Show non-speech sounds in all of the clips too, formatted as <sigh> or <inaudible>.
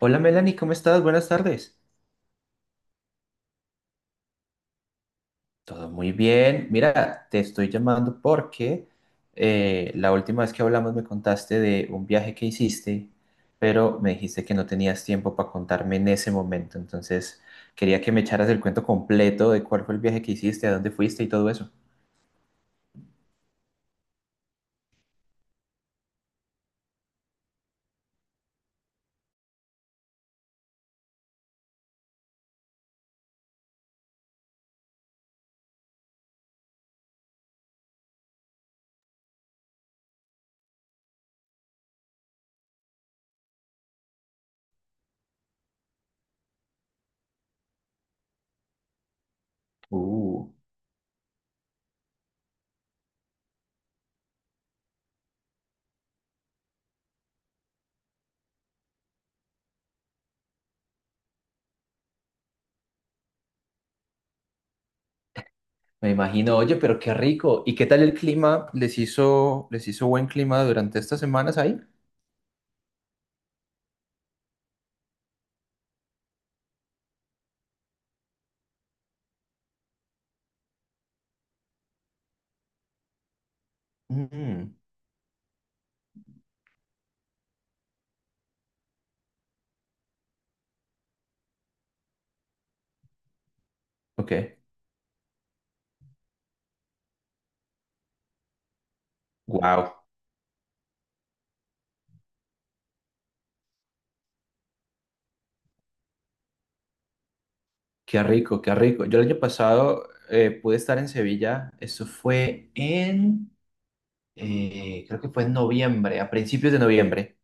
Hola Melanie, ¿cómo estás? Buenas tardes. Todo muy bien. Mira, te estoy llamando porque la última vez que hablamos me contaste de un viaje que hiciste, pero me dijiste que no tenías tiempo para contarme en ese momento. Entonces, quería que me echaras el cuento completo de cuál fue el viaje que hiciste, a dónde fuiste y todo eso. Uh, Me imagino, oye, pero qué rico. ¿Y qué tal el clima? Les hizo buen clima durante estas semanas ahí? Mm, ok. Wow. Qué rico, qué rico. Yo el año pasado pude estar en Sevilla, eso fue en, creo que fue en noviembre, a principios de noviembre.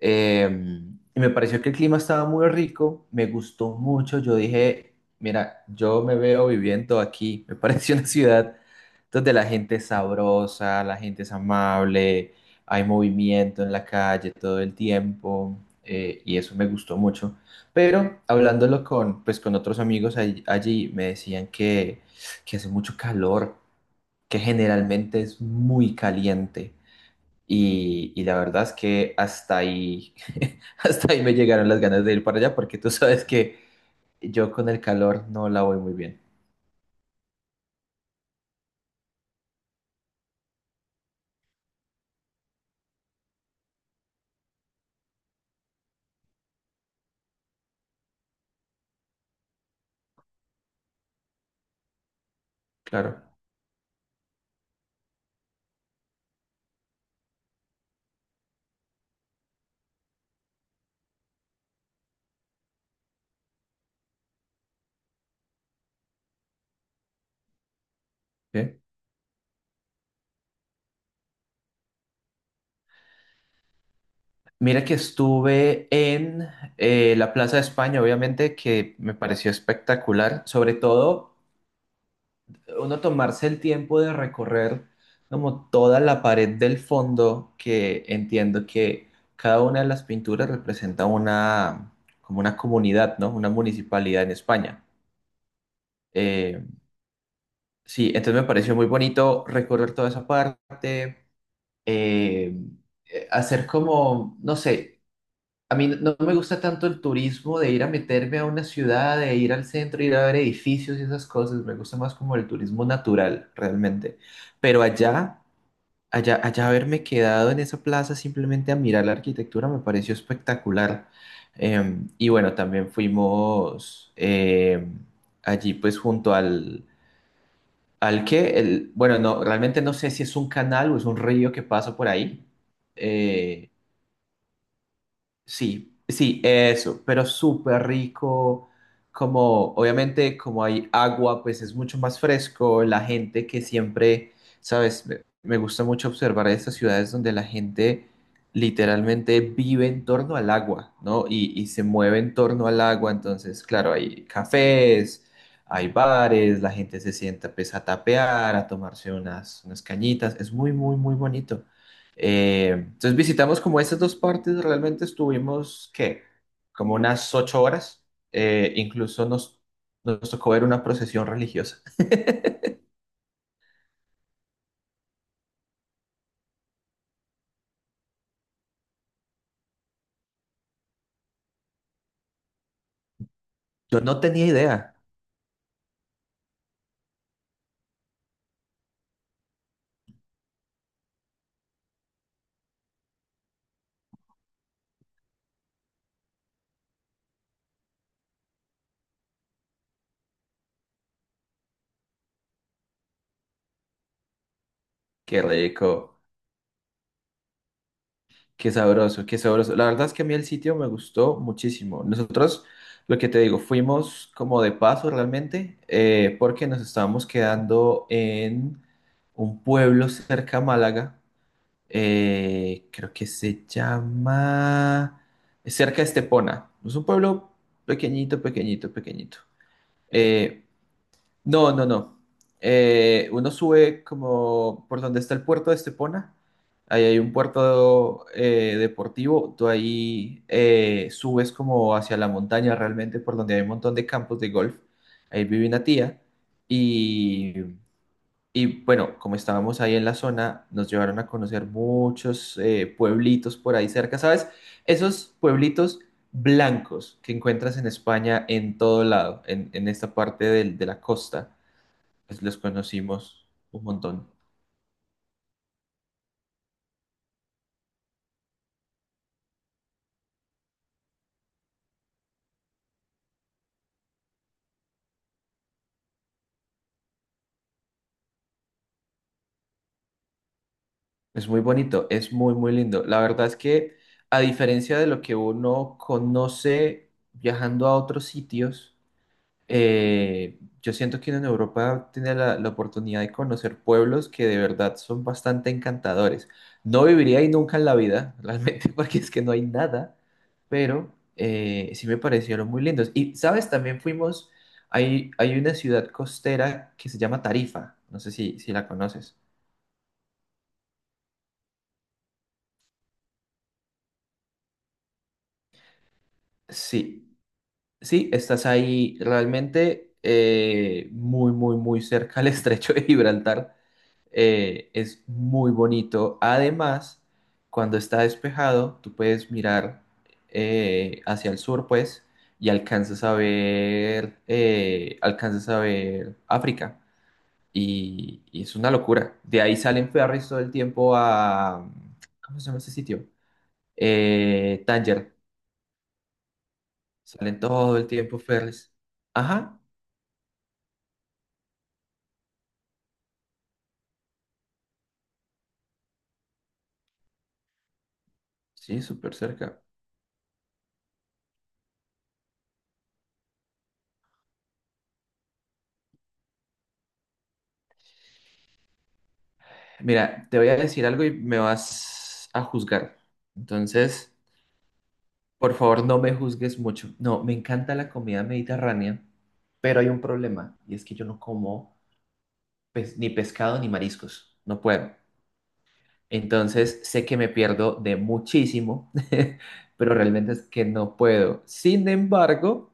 Eh, y me pareció que el clima estaba muy rico, me gustó mucho. Yo dije, mira, yo me veo viviendo aquí. Me <laughs> pareció una ciudad donde la gente es sabrosa, la gente es amable, hay movimiento en la calle todo el tiempo. Y eso me gustó mucho. Pero hablándolo con, pues, con otros amigos allí, me decían que hace mucho calor, que generalmente es muy caliente. Y la verdad es que hasta ahí, <laughs> hasta ahí me llegaron las ganas de ir para allá porque tú sabes que yo con el calor no la voy muy bien. Claro. ¿Sí? Mira que estuve en la Plaza de España, obviamente, que me pareció espectacular. Sobre todo, uno tomarse el tiempo de recorrer como toda la pared del fondo, que entiendo que cada una de las pinturas representa una, como una comunidad, ¿no? Una municipalidad en España. Eh, Sí, entonces me pareció muy bonito recorrer toda esa parte, eh, hacer como, no sé, a mí no me gusta tanto el turismo de ir a meterme a una ciudad, de ir al centro, ir a ver edificios y esas cosas, me gusta más como el turismo natural realmente. Pero allá haberme quedado en esa plaza simplemente a mirar la arquitectura me pareció espectacular. Y bueno, también fuimos allí pues junto al al que, el, bueno, no, realmente no sé si es un canal o es un río que pasa por ahí, eh, sí, sí, eso, pero súper rico, como obviamente como hay agua, pues es mucho más fresco, la gente que siempre, sabes, me gusta mucho observar estas ciudades donde la gente literalmente vive en torno al agua, ¿no? Y se mueve en torno al agua, entonces, claro, hay cafés, hay bares, la gente se sienta pues a tapear, a tomarse unas, unas cañitas, es muy, muy, muy bonito. Entonces visitamos como estas dos partes, realmente estuvimos, ¿qué? Como unas 8 horas. Incluso nos tocó ver una procesión religiosa. Yo no tenía idea. Qué rico, qué sabroso, qué sabroso. La verdad es que a mí el sitio me gustó muchísimo. Nosotros, lo que te digo, fuimos como de paso realmente, porque nos estábamos quedando en un pueblo cerca a Málaga creo que se llama cerca de Estepona. Es un pueblo pequeñito, pequeñito, pequeñito. Eh, no, no, no. Uno sube como por donde está el puerto de Estepona. Ahí hay un puerto deportivo. Tú ahí subes como hacia la montaña realmente, por donde hay un montón de campos de golf. Ahí vive una tía. y y bueno, como estábamos ahí en la zona, nos llevaron a conocer muchos pueblitos por ahí cerca, ¿sabes? Esos pueblitos blancos que encuentras en España en todo lado, en esta parte de la costa, pues los conocimos un montón. Es muy bonito, es muy, muy lindo. La verdad es que a diferencia de lo que uno conoce viajando a otros sitios, yo siento que uno en Europa tiene la oportunidad de conocer pueblos que de verdad son bastante encantadores. No viviría ahí nunca en la vida, <laughs> realmente, porque es que no hay nada, pero sí me parecieron muy lindos. Y, ¿sabes? También fuimos, hay una ciudad costera que se llama Tarifa, no sé si, si la conoces. Sí, sí, estás ahí realmente muy, muy, muy cerca al <laughs> estrecho de Gibraltar. Es muy bonito. Además, cuando está despejado, tú puedes mirar hacia el sur, pues, y alcanzas a ver África. Y es una locura. De ahí salen ferries todo el tiempo a... ¿Cómo se llama ese sitio? Tánger. Salen todo el tiempo ferries. Ajá, sí, súper cerca. Mira, te voy a decir algo y me vas a juzgar. Entonces... Por favor, no me juzgues mucho. No, me encanta la comida mediterránea, pero hay un problema y es que yo no como ni pescado ni mariscos. No puedo. Entonces, sé que me pierdo de muchísimo, <laughs> pero realmente es que no puedo. Sin embargo,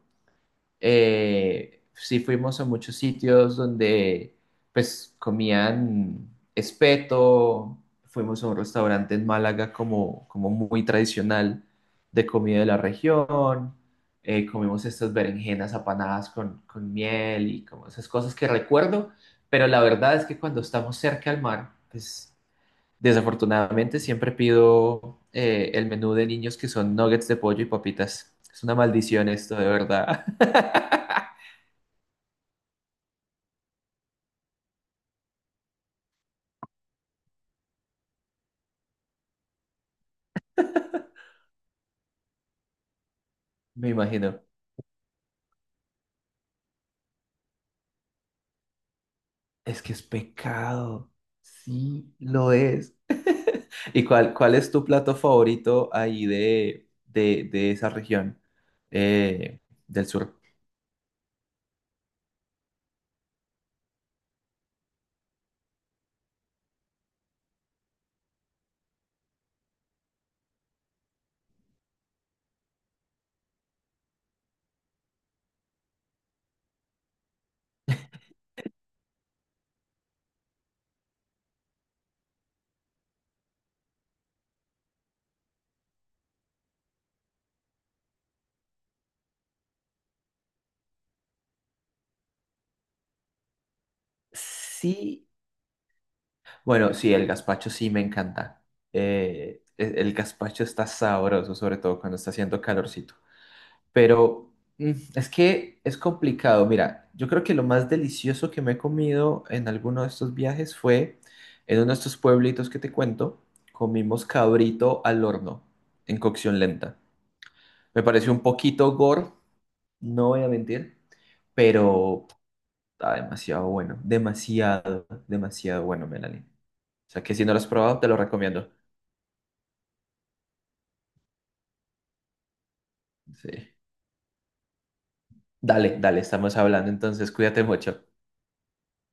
sí fuimos a muchos sitios donde pues comían espeto, fuimos a un restaurante en Málaga como, como muy tradicional de comida de la región, comimos estas berenjenas apanadas con miel y como esas cosas que recuerdo, pero la verdad es que cuando estamos cerca al mar, pues desafortunadamente siempre pido el menú de niños que son nuggets de pollo y papitas. Es una maldición esto, de verdad. <laughs> Me imagino. Es que es pecado. Sí, lo es. ¿Y cuál, cuál es tu plato favorito ahí de esa región eh, del sur? Sí. Bueno, sí, el gazpacho sí me encanta. El gazpacho está sabroso, sobre todo cuando está haciendo calorcito. Pero mm, es que es complicado. Mira, yo creo que lo más delicioso que me he comido en alguno de estos viajes fue en uno de estos pueblitos que te cuento, comimos cabrito al horno en cocción lenta. Me pareció un poquito gore, no voy a mentir, pero está demasiado bueno, demasiado, demasiado bueno, Melanie. O sea que si no lo has probado, te lo recomiendo. Sí. Dale, dale, estamos hablando, entonces cuídate mucho.